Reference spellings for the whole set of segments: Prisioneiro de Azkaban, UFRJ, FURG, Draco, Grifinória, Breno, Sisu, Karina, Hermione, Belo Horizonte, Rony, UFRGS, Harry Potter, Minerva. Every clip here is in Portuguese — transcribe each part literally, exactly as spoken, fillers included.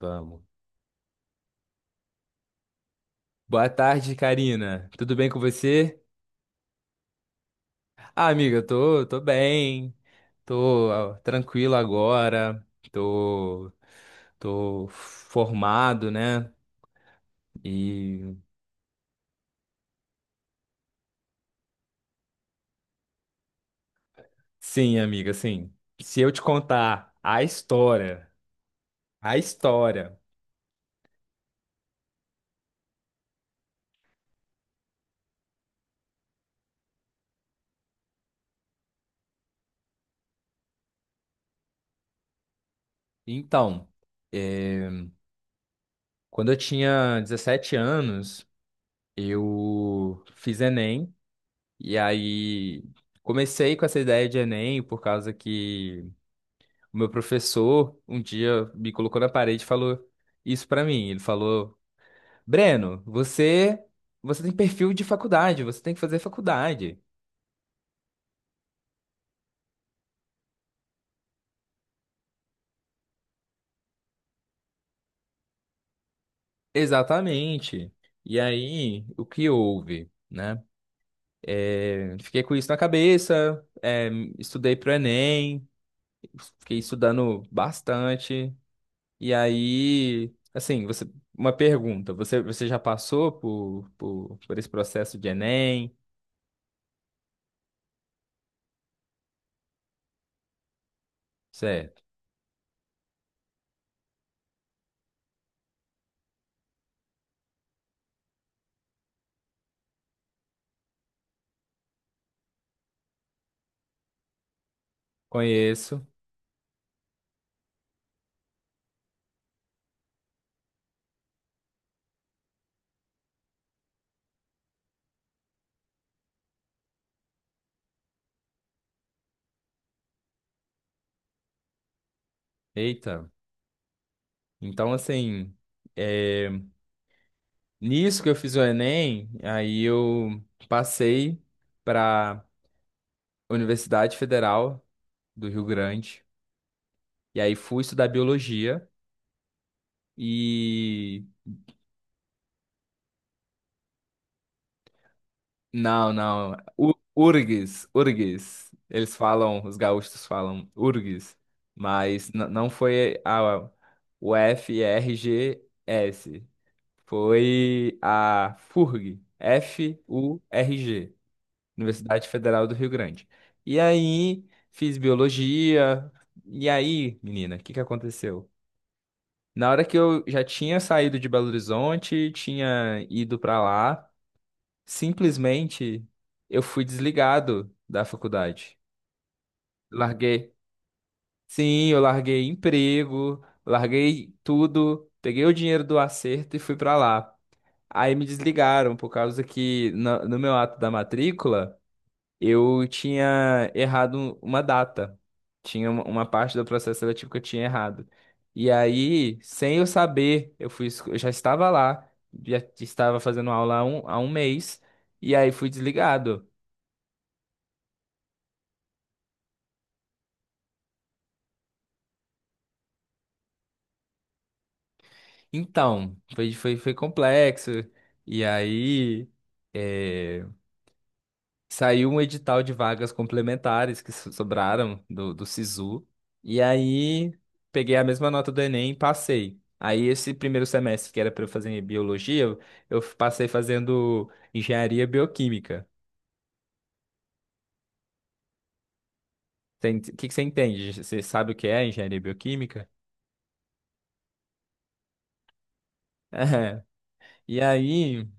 Vamos. Boa tarde, Karina. Tudo bem com você? Ah, amiga, eu tô, tô bem. Tô ah, tranquilo agora. Tô, tô formado, né? E sim, amiga, sim. Se eu te contar a história, a história. Então, eh, quando eu tinha dezessete anos, eu fiz Enem e aí comecei com essa ideia de Enem por causa que o meu professor um dia me colocou na parede e falou isso pra mim. Ele falou: Breno, você você tem perfil de faculdade, você tem que fazer faculdade. Exatamente. E aí, o que houve, né? É, fiquei com isso na cabeça, é, estudei pro Enem, fiquei estudando bastante. E aí, assim, você, uma pergunta, você, você já passou por, por, por esse processo de Enem? Certo. Conheço. Eita. Então, assim, é, nisso que eu fiz o Enem, aí eu passei para Universidade Federal do Rio Grande. E aí fui estudar biologia. E. Não, não. U- URGS, URGS. Eles falam, os gaúchos falam URGS. Mas n- não foi a U F R G S. Foi a FURG. F U R G. Universidade Federal do Rio Grande. E aí, fiz biologia. E aí, menina, o que que aconteceu? Na hora que eu já tinha saído de Belo Horizonte, tinha ido pra lá, simplesmente eu fui desligado da faculdade. Larguei. Sim, eu larguei emprego, larguei tudo, peguei o dinheiro do acerto e fui pra lá. Aí me desligaram por causa que no, no meu ato da matrícula eu tinha errado uma data. Tinha uma uma parte do processo seletivo que eu tinha errado. E aí, sem eu saber, eu fui, esco- eu já estava lá, já estava fazendo aula há um, há um mês, e aí fui desligado. Então, foi, foi, foi complexo. E aí, eh, saiu um edital de vagas complementares que so- sobraram do, do Sisu. E aí peguei a mesma nota do Enem e passei. Aí esse primeiro semestre que era para eu fazer biologia, eu eu passei fazendo engenharia bioquímica. O que que você entende? Você sabe o que é engenharia bioquímica? É. E aí,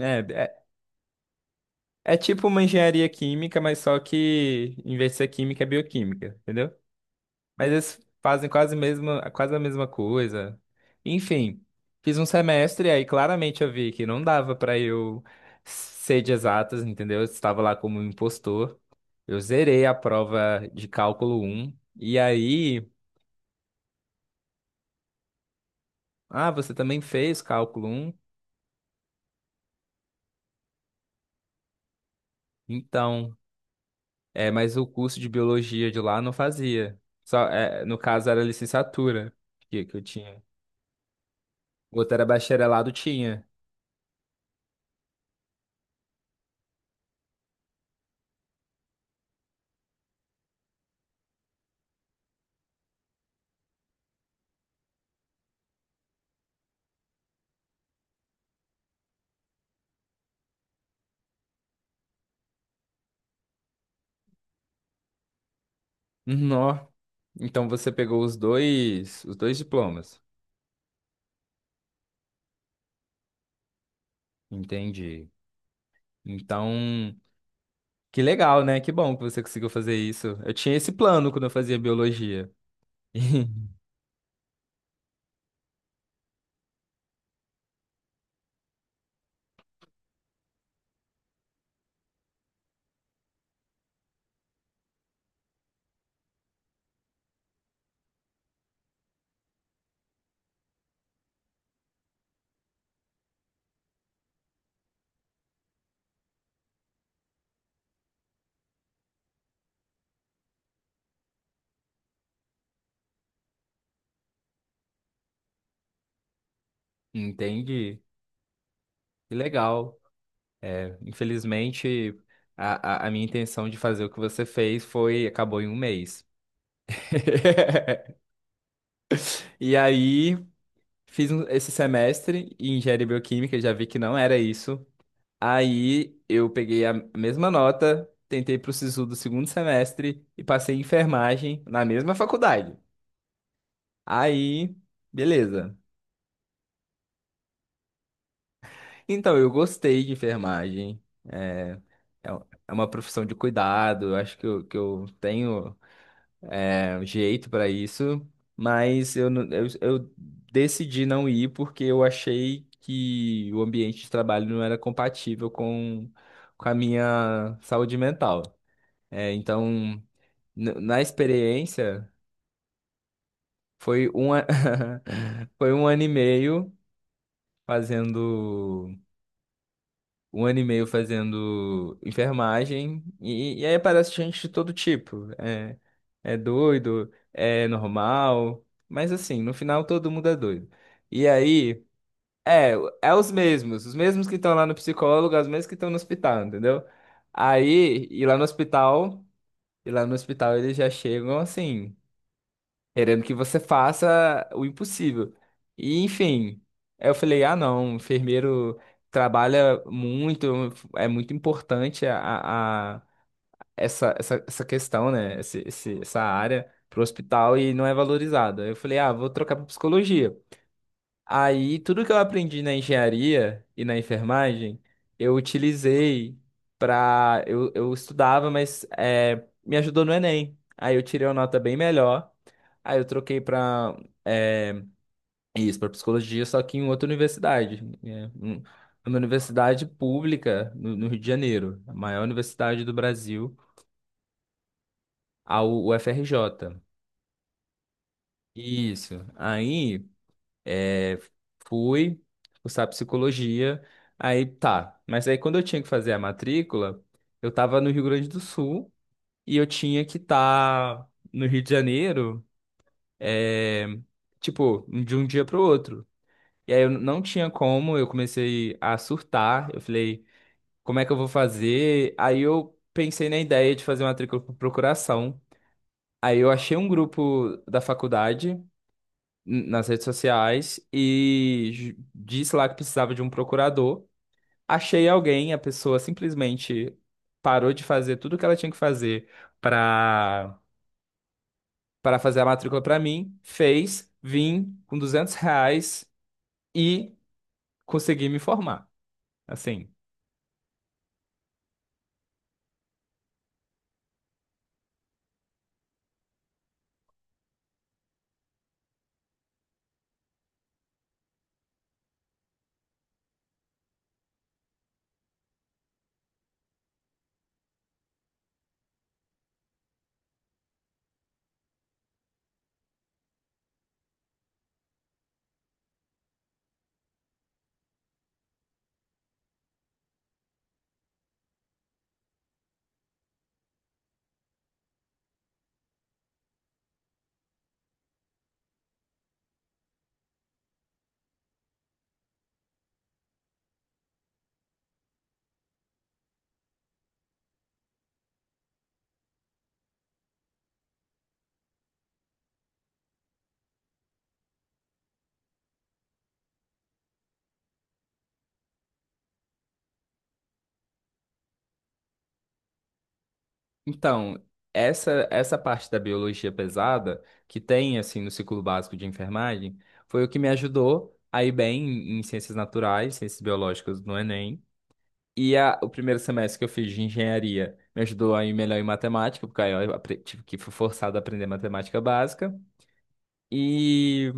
é, é, é tipo uma engenharia química, mas só que em vez de ser química, é bioquímica, entendeu? Mas eles fazem quase, mesma, quase a mesma coisa. Enfim, fiz um semestre e aí claramente eu vi que não dava pra eu ser de exatas, entendeu? Eu estava lá como um impostor. Eu zerei a prova de cálculo um. E aí, ah, você também fez cálculo um? Então, é, mas o curso de biologia de lá não fazia. Só, é, no caso era licenciatura que, que eu tinha. O outro era bacharelado, tinha. Nó. Então você pegou os dois, os dois diplomas. Entendi. Então, que legal, né? Que bom que você conseguiu fazer isso. Eu tinha esse plano quando eu fazia biologia. Entendi. Que legal. É, infelizmente, a, a, a minha intenção de fazer o que você fez foi, acabou em um mês. E aí, fiz um- esse semestre em engenharia bioquímica, já vi que não era isso. Aí eu peguei a mesma nota, tentei pro SISU do segundo semestre e passei em enfermagem na mesma faculdade. Aí, beleza. Então, eu gostei de enfermagem. É, é u- é uma profissão de cuidado, eu acho que eu, que eu tenho é, jeito para isso, mas eu, não- eu, eu decidi não ir porque eu achei que o ambiente de trabalho não era compatível com, com a minha saúde mental. É, então. N- Na experiência, foi um, a- foi um ano e meio fazendo. Um ano e meio fazendo enfermagem. E, e aí aparece gente de todo tipo. É, é doido, é normal. Mas assim, no final todo mundo é doido. E aí, é, é os mesmos. Os mesmos que estão lá no psicólogo, é os mesmos que estão no hospital, entendeu? Aí, e lá no hospital. E lá no hospital eles já chegam assim, querendo que você faça o impossível. E, enfim, aí eu falei, ah, não, enfermeiro trabalha muito, é muito importante a, a- essa, essa, essa questão, né? Esse, esse- essa área para o hospital e não é valorizada. Aí eu falei, ah, vou trocar para psicologia. Aí, tudo que eu aprendi na engenharia e na enfermagem, eu utilizei pra. Eu, eu estudava, mas é, me ajudou no Enem. Aí eu tirei uma nota bem melhor. Aí eu troquei pra é, isso, pra psicologia, só que em outra universidade, né? Um- Uma universidade pública no, no Rio de Janeiro, a maior universidade do Brasil, a U- UFRJ. Isso. Aí. É, fui cursar psicologia. Aí tá. Mas aí quando eu tinha que fazer a matrícula, eu tava no Rio Grande do Sul e eu tinha que estar no Rio de Janeiro, é, tipo, de um dia pro outro. E aí eu não tinha como, eu comecei a surtar. Eu falei, como é que eu vou fazer? Aí eu pensei na ideia de fazer matrícula por procuração. Aí eu achei um grupo da faculdade nas redes sociais e j- disse lá que precisava de um procurador. Achei alguém, a pessoa simplesmente parou de fazer tudo o que ela tinha que fazer para para fazer a matrícula para mim, fez, vim com duzentos reais e consegui me formar. Assim, então, essa essa parte da biologia pesada que tem assim no ciclo básico de enfermagem foi o que me ajudou a ir bem em em ciências naturais, ciências biológicas no Enem. E a, o primeiro semestre que eu fiz de engenharia me ajudou a ir melhor em matemática, porque aí eu apre- tive que fui forçado a aprender matemática básica. E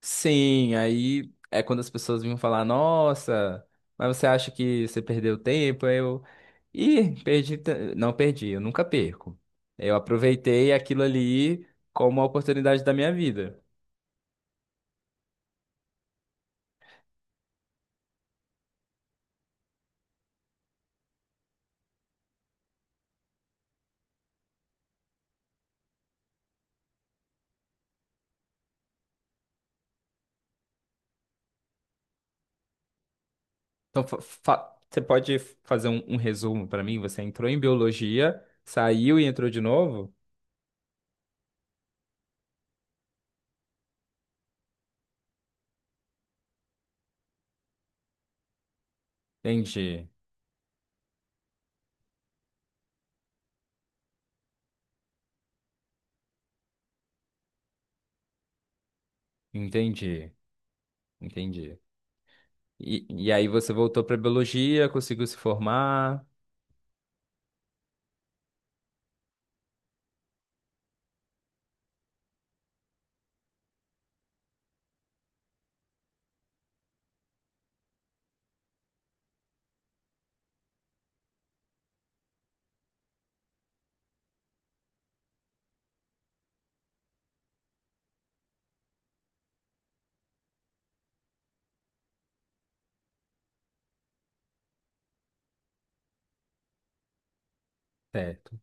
sim, aí é quando as pessoas vinham falar, nossa, mas você acha que você perdeu tempo? Aí eu, ih, perdi, te- não perdi, eu nunca perco. Eu aproveitei aquilo ali como uma oportunidade da minha vida. Então, fa- fa- você pode fazer um, um resumo para mim? Você entrou em biologia, saiu e entrou de novo? Entendi. Entendi, entendi. E, e aí você voltou para biologia, conseguiu se formar, certo?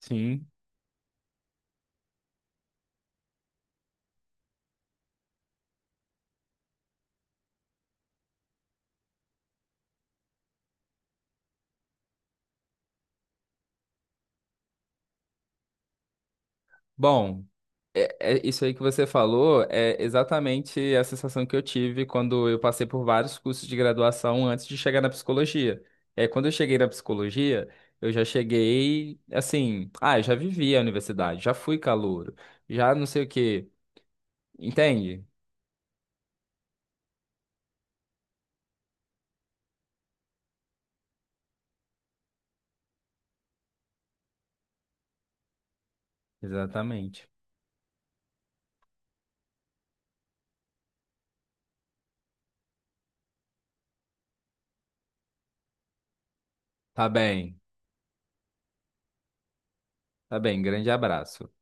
Sim. Bom, é, é isso aí que você falou é exatamente a sensação que eu tive quando eu passei por vários cursos de graduação antes de chegar na psicologia. É, quando eu cheguei na psicologia, eu já cheguei assim, ah, eu já vivi a universidade, já fui calouro, já não sei o quê. Entende? Exatamente. Tá bem, tá bem. Grande abraço.